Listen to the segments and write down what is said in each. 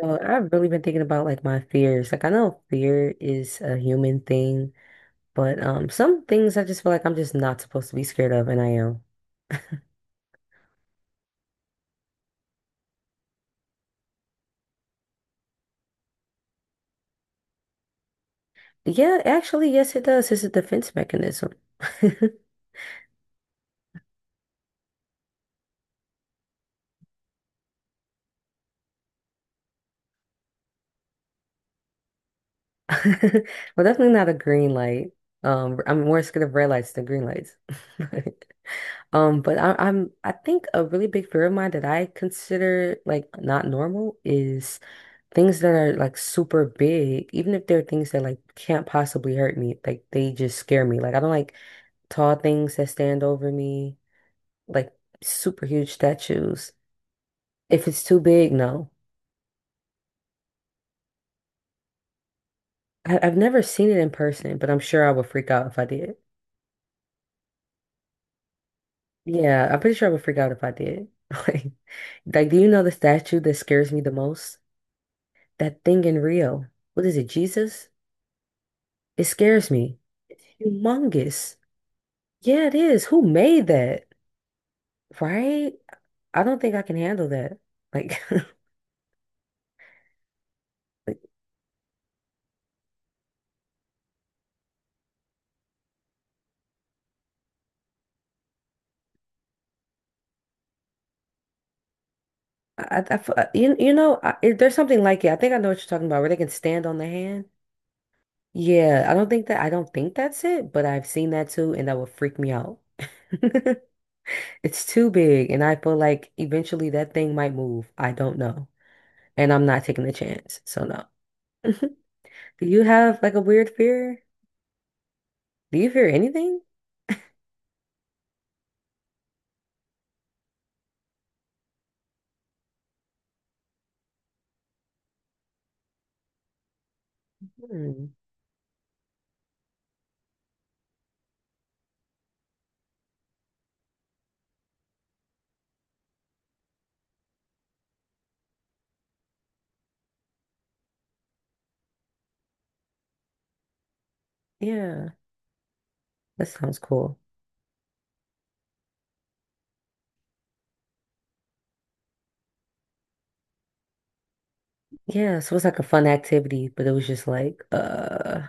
So I've really been thinking about my fears. Like I know fear is a human thing, but some things I just feel like I'm just not supposed to be scared of, and I am. Yeah, actually, yes, it does. It's a defense mechanism. Well, definitely not a green light. I'm more scared of red lights than green lights. But I think a really big fear of mine that I consider like not normal is things that are like super big, even if they're things that like can't possibly hurt me, like they just scare me. Like I don't like tall things that stand over me, like super huge statues. If it's too big, no. I've never seen it in person, but I'm sure I would freak out if I did. Yeah, I'm pretty sure I would freak out if I did. Like, like, do you know the statue that scares me the most? That thing in Rio. What is it, Jesus? It scares me. It's humongous. Yeah, it is. Who made that? Right? I don't think I can handle that. Like, like I feel- you know, I, it- there's something like it. I think I know what you're talking about, where they can stand on the hand. Yeah, I don't think that's it, but I've seen that too, and that would freak me out. It's too big, and I feel like eventually that thing might move. I don't know. And I'm not taking the chance. So no. Do you have like a weird fear? Do you fear anything? Hmm. Yeah, that sounds cool. Yeah, so it's like a fun activity, but it was just like,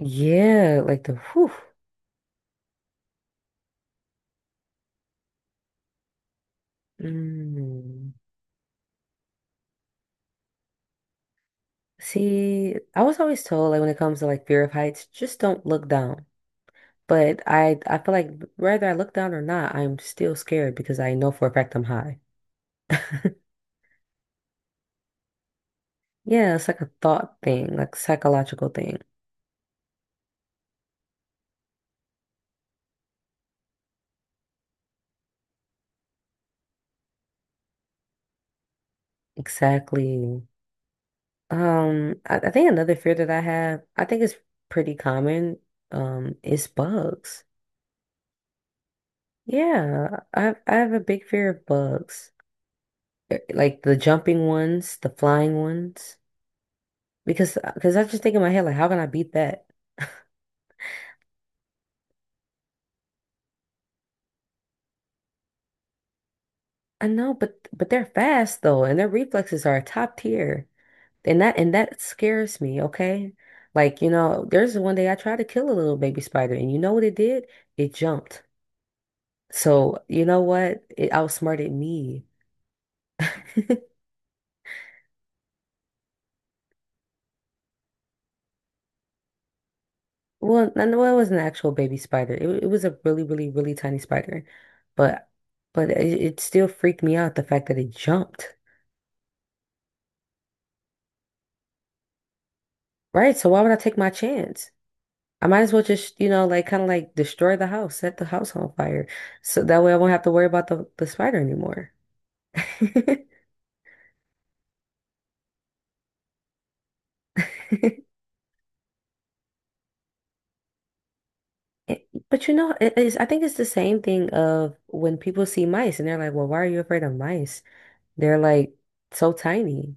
yeah, like the whew. Mm. See, I was always told like when it comes to like fear of heights, just don't look down. But I feel like whether I look down or not, I'm still scared because I know for a fact I'm high. Yeah, it's like a thought thing, like psychological thing. Exactly. I think another fear that I have, I think it's pretty common, is bugs. Yeah, I have a big fear of bugs. Eh, like the jumping ones, the flying ones. Because I just think in my head, like, how can I beat that? I know, but they're fast though, and their reflexes are top tier. And that scares me, okay? Like, you know, there's one day I tried to kill a little baby spider, and you know what it did? It jumped. So, you know what? It outsmarted me. Well, no, it was an actual baby spider. It was a really, really, really tiny spider, but it still freaked me out the fact that it jumped. Right? So why would I take my chance? I might as well just, you know, like kind of like destroy the house, set the house on fire, so that way I won't have to worry about the spider anymore. It- But you know, it is, I think it's the same thing of when people see mice and they're like, "Well, why are you afraid of mice? They're like so tiny."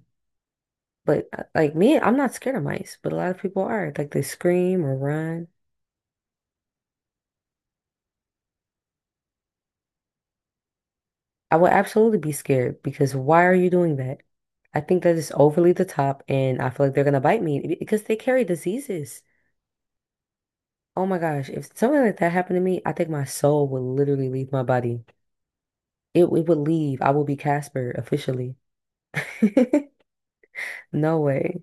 But like me, I'm not scared of mice, but a lot of people are. Like they scream or run. I would absolutely be scared because why are you doing that? I think that is overly the top, and I feel like they're gonna bite me because they carry diseases. Oh my gosh, if something like that happened to me, I think my soul would literally leave my body. It would leave. I would be Casper officially. No way.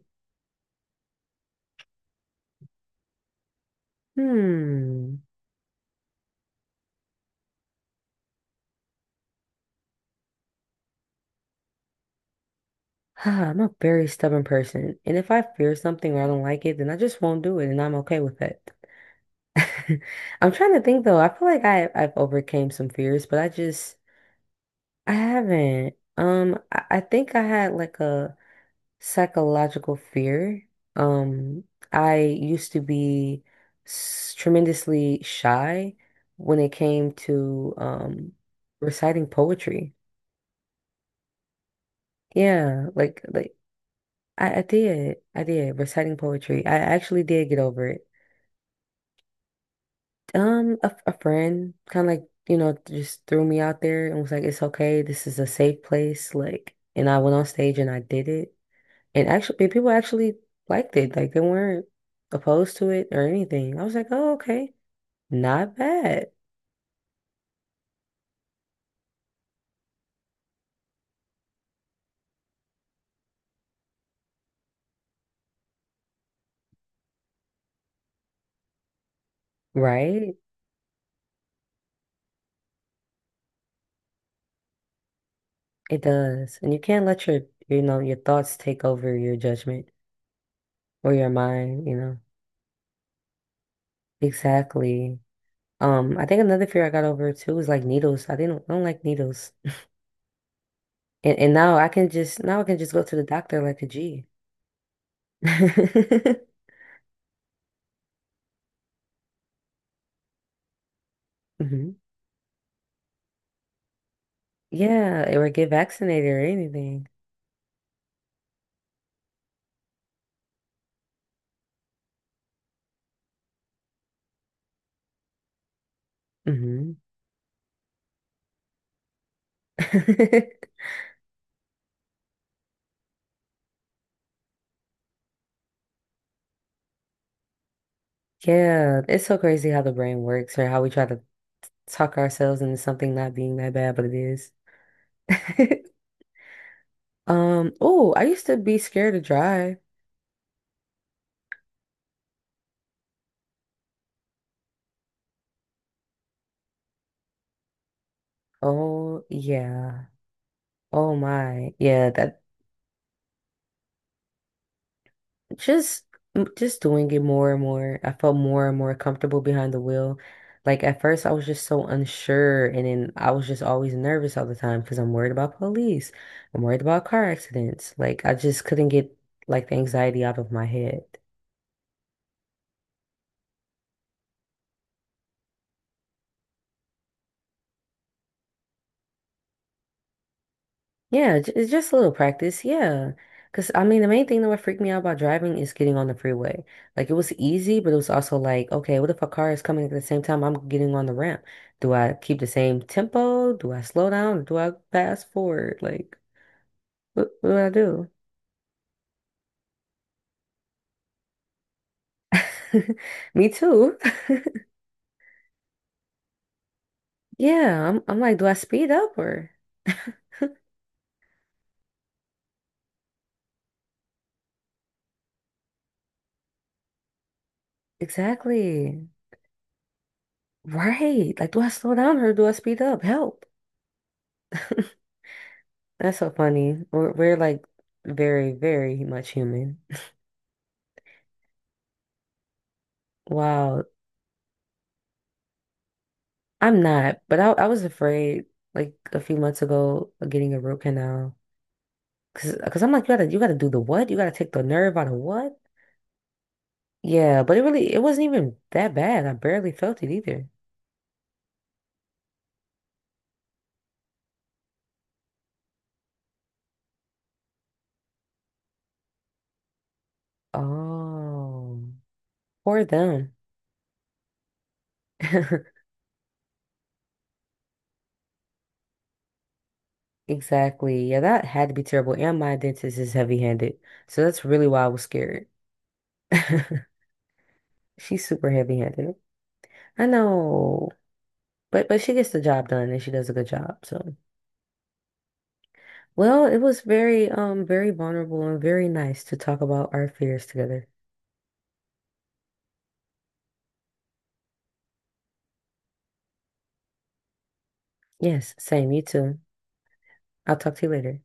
Hmm. I'm a very stubborn person, and if I fear something or I don't like it, then I just won't do it, and I'm okay with that. I'm trying to think though. I feel like I've overcame some fears, but I just I haven't. I think I had like a psychological fear. Um, I used to be tremendously shy when it came to reciting poetry. Yeah, like I did. I did reciting poetry. I actually did get over it. A friend kind of like, you know, just threw me out there and was like, it's okay. This is a safe place. Like, and I went on stage and I did it. And actually, and people actually liked it. Like, they weren't opposed to it or anything. I was like, oh, okay. Not bad. Right? It does. And you can't let your, you know, your thoughts take over your judgment or your mind, you know. Exactly. I think another fear I got over too is like needles. I don't like needles. And now I can just now I can just go to the doctor like a G. Hmm. Yeah, or get vaccinated or anything. Hmm. Yeah, it's so crazy how the brain works or how we try to talk ourselves into something not being that bad, but it is. Oh, I used to be scared to drive. Oh, yeah. Oh my. Yeah, that Just just doing it more and more. I felt more and more comfortable behind the wheel. Like at first I was just so unsure and then I was just always nervous all the time because I'm worried about police. I'm worried about car accidents. Like I just couldn't get like the anxiety out of my head. Yeah, it's just a little practice. Yeah. Because I mean, the main thing that would freak me out about driving is getting on the freeway. Like, it was easy, but it was also like, okay, what if a car is coming at the same time I'm getting on the ramp? Do I keep the same tempo? Do I slow down? Do I pass forward? Like, what do I do? Me too. Yeah, I'm like, do I speed up or? Exactly. Right. Like, do I slow down or do I speed up? Help. That's so funny. We're like very, very much human. Wow, I'm not, but I was afraid like a few months ago of getting a root canal because I'm like you gotta do the what? You gotta take the nerve out of what? Yeah, but it really it wasn't even that bad. I barely felt it either. Oh, poor them. Exactly. Yeah, that had to be terrible. And my dentist is heavy-handed, so that's really why I was scared. She's super heavy-handed. I know, but she gets the job done and she does a good job. So. Well, it was very, very vulnerable and very nice to talk about our fears together. Yes, same, you too. I'll talk to you later.